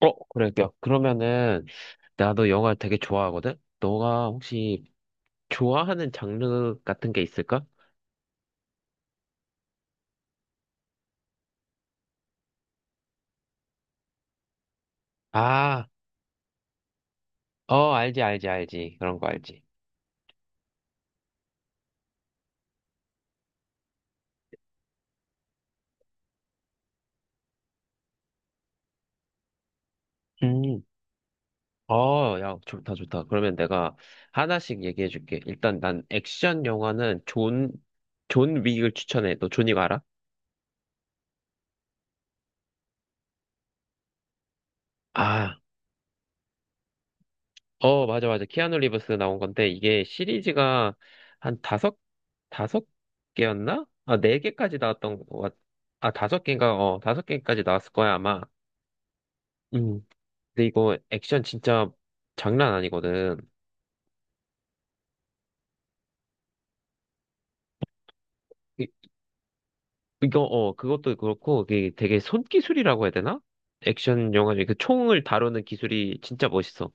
어, 그래. 야, 그러면은, 나도 영화 되게 좋아하거든? 너가 혹시 좋아하는 장르 같은 게 있을까? 아, 어, 알지, 알지, 알지. 그런 거 알지. 음, 어, 야, 좋다, 좋다. 그러면 내가 하나씩 얘기해 줄게. 일단 난 액션 영화는 존 윅을 추천해. 너 존윅 알아? 아, 어, 맞아, 맞아. 키아누 리브스 나온 건데, 이게 시리즈가 한 다섯 개였나? 아, 4개까지 나왔던 것 같, 아, 5개인가? 어, 5개까지 나왔을 거야, 아마. 음. 근데 이거 액션 진짜 장난 아니거든. 이, 이거, 그것도 그렇고, 이게 되게 손기술이라고 해야 되나? 액션 영화 중에 그 총을 다루는 기술이 진짜 멋있어.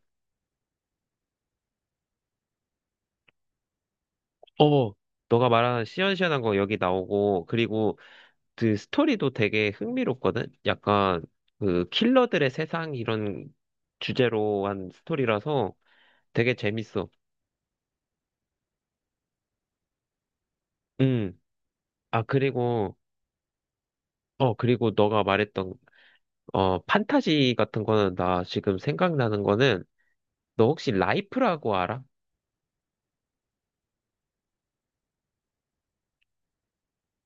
어, 너가 말하는 시원시원한 거 여기 나오고, 그리고 그 스토리도 되게 흥미롭거든? 약간 그 킬러들의 세상 이런 주제로 한 스토리라서 되게 재밌어. 음. 아, 그리고 너가 말했던, 판타지 같은 거는 나 지금 생각나는 거는 너 혹시 라이프라고 알아?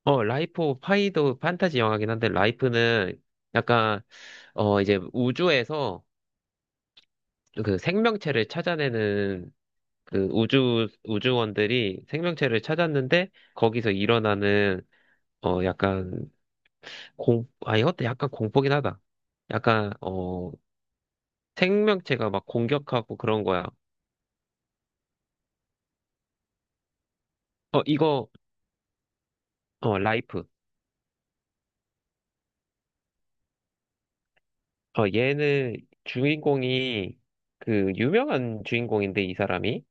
어, 라이프 오브 파이도 판타지 영화긴 한데 라이프는 약간, 이제 우주에서 그 생명체를 찾아내는 그 우주원들이 생명체를 찾았는데 거기서 일어나는 약간 공 아 이것도 약간 공포긴 하다. 약간 생명체가 막 공격하고 그런 거야. 어 이거 어 라이프. 얘는 주인공이 그 유명한 주인공인데 이 사람이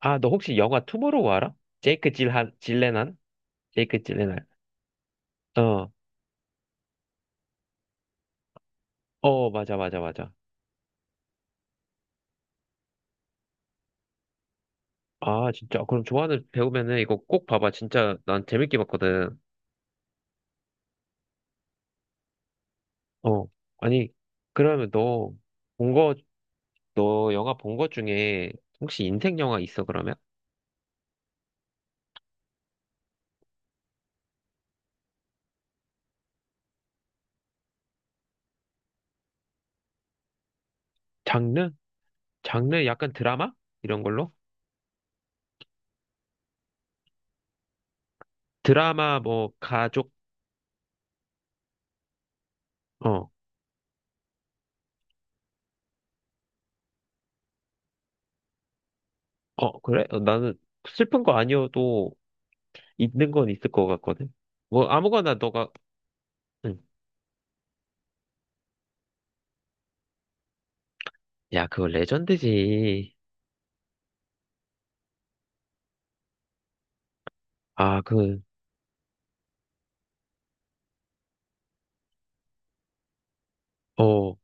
너 혹시 영화 투모로우 알아? 제이크 질한 질레난? 제이크 질레난. 어. 어, 맞아, 맞아, 맞아. 아, 진짜 그럼 좋아하는 배우면은 이거 꼭 봐봐. 진짜 난 재밌게 봤거든. 어, 아니, 그러면 너 본 거, 너 영화 본 것 중에 혹시 인생 영화 있어, 그러면? 장르? 장르 약간 드라마? 이런 걸로? 드라마, 뭐, 가족, 어, 어, 그래? 어, 나는 슬픈 거 아니어도 있는 건 있을 것 같거든? 뭐, 아무거나 너가, 응. 야, 그거 레전드지. 아, 어,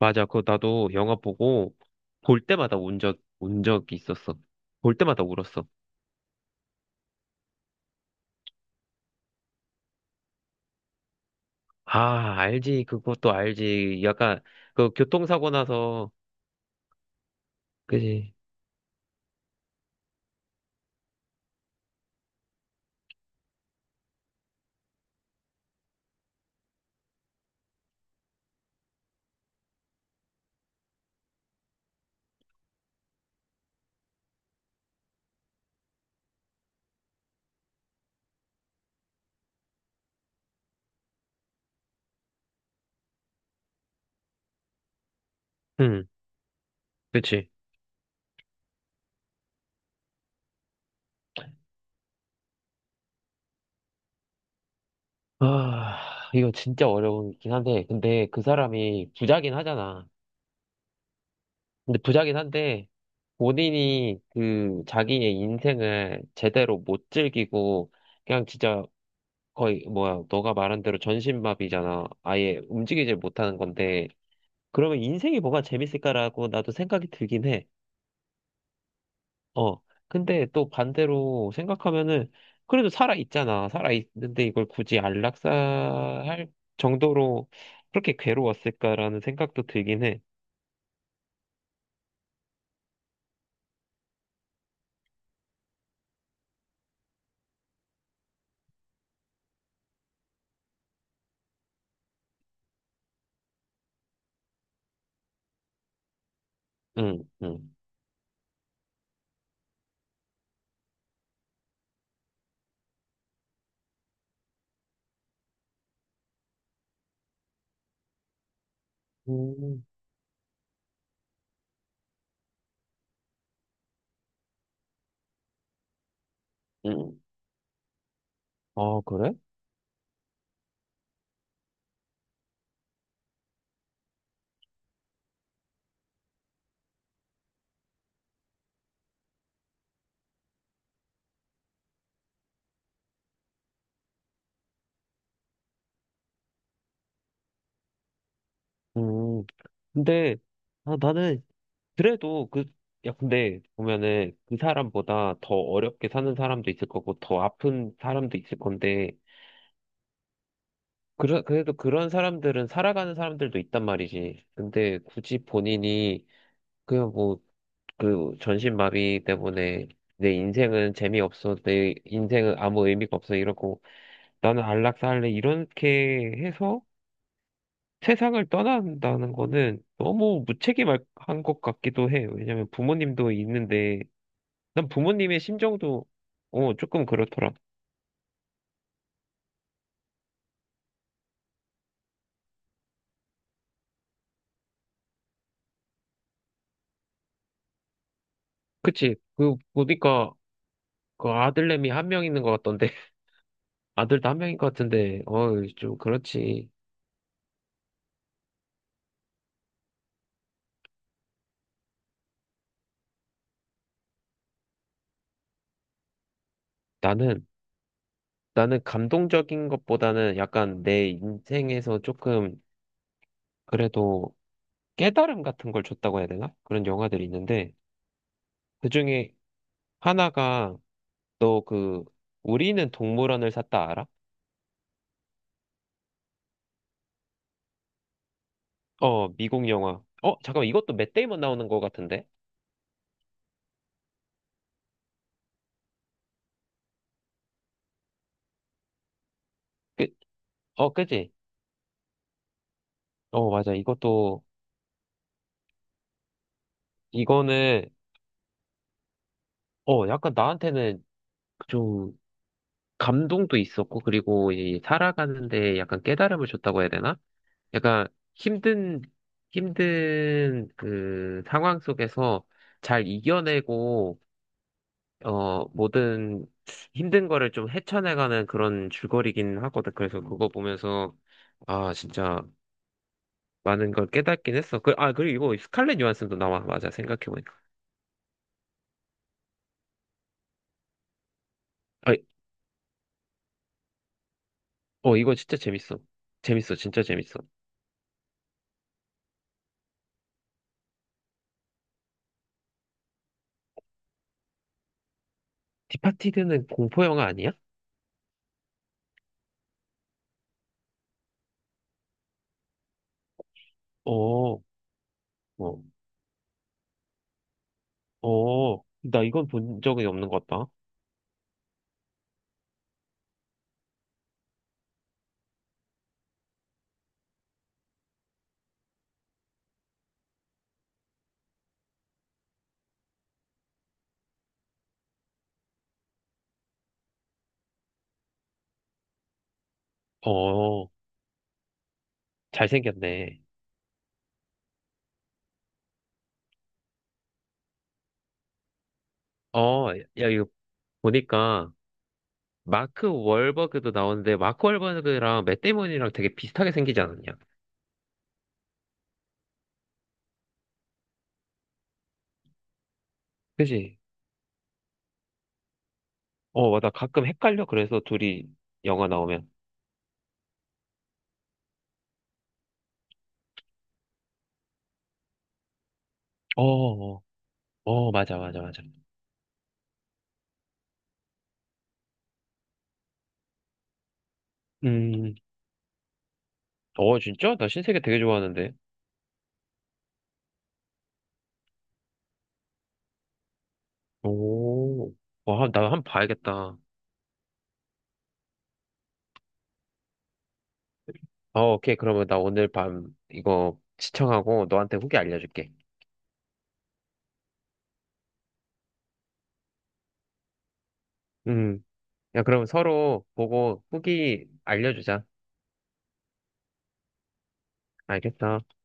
맞아. 그거 나도 영화 보고 볼 때마다 운 적이 있었어. 볼 때마다 울었어. 아, 알지. 그것도 알지. 약간, 그, 교통사고 나서, 그지. 응, 그치. 아, 이거 진짜 어려운긴 한데, 근데 그 사람이 부자긴 하잖아. 근데 부자긴 한데, 본인이 그, 자기의 인생을 제대로 못 즐기고, 그냥 진짜 거의, 뭐야, 너가 말한 대로 전신마비잖아. 아예 움직이질 못하는 건데, 그러면 인생이 뭐가 재밌을까라고 나도 생각이 들긴 해. 어. 근데 또 반대로 생각하면은 그래도 살아 있잖아. 살아 있는데 이걸 굳이 안락사할 정도로 그렇게 괴로웠을까라는 생각도 들긴 해. 응, 응. 음, 응. 아, 그래? 음. 근데 아, 나는 그래도 그, 야, 근데 보면은 그 사람보다 더 어렵게 사는 사람도 있을 거고 더 아픈 사람도 있을 건데 그래, 그래도 그런 사람들은 살아가는 사람들도 있단 말이지. 근데 굳이 본인이 그냥 뭐, 그, 전신마비 때문에 내 인생은 재미없어, 내 인생은 아무 의미가 없어, 이러고, 나는 안락사할래, 이렇게 해서 세상을 떠난다는 거는 너무 무책임한 것 같기도 해. 왜냐면 부모님도 있는데, 난 부모님의 심정도, 조금 그렇더라. 그치? 그, 보니까, 그 아들내미 1명 있는 것 같던데, 아들도 1명인 것 같은데, 좀 그렇지. 나는, 나는 감동적인 것보다는 약간 내 인생에서 조금 그래도 깨달음 같은 걸 줬다고 해야 되나? 그런 영화들이 있는데 그중에 하나가 너 그 우리는 동물원을 샀다 알아? 어, 미국 영화. 어, 잠깐만 이것도 맷 데이먼 나오는 것 같은데? 그, 그지? 어, 맞아. 이것도 이거는 약간 나한테는 좀 감동도 있었고 그리고 이 살아가는데 약간 깨달음을 줬다고 해야 되나? 약간 힘든, 힘든 그 상황 속에서 잘 이겨내고, 모든 힘든 거를 좀 헤쳐나가는 그런 줄거리긴 하거든. 그래서 그거 보면서, 아, 진짜 많은 걸 깨닫긴 했어. 그리고 이거 스칼렛 요한슨도 나와. 맞아, 생각해보니까. 아, 이거 진짜 재밌어. 재밌어, 진짜 재밌어. 디파티드는 공포 영화 아니야? 어, 어, 나 이건 본 적이 없는 것 같다. 어, 잘생겼네. 어, 야, 이거 보니까 마크 월버그도 나오는데 마크 월버그랑 맷 데이먼이랑 되게 비슷하게 생기지 않았냐? 그지? 어, 맞아. 가끔 헷갈려. 그래서 둘이 영화 나오면. 어, 어, 어, 맞아, 맞아, 맞아. 음, 어, 진짜? 나 신세계 되게 좋아하는데. 오, 와, 나 한번 봐야겠다. 어, 오케이. 그러면 나 오늘 밤 이거 시청하고 너한테 후기 알려줄게. 음, 야, 그러면 서로 보고 후기 알려주자. 알겠어.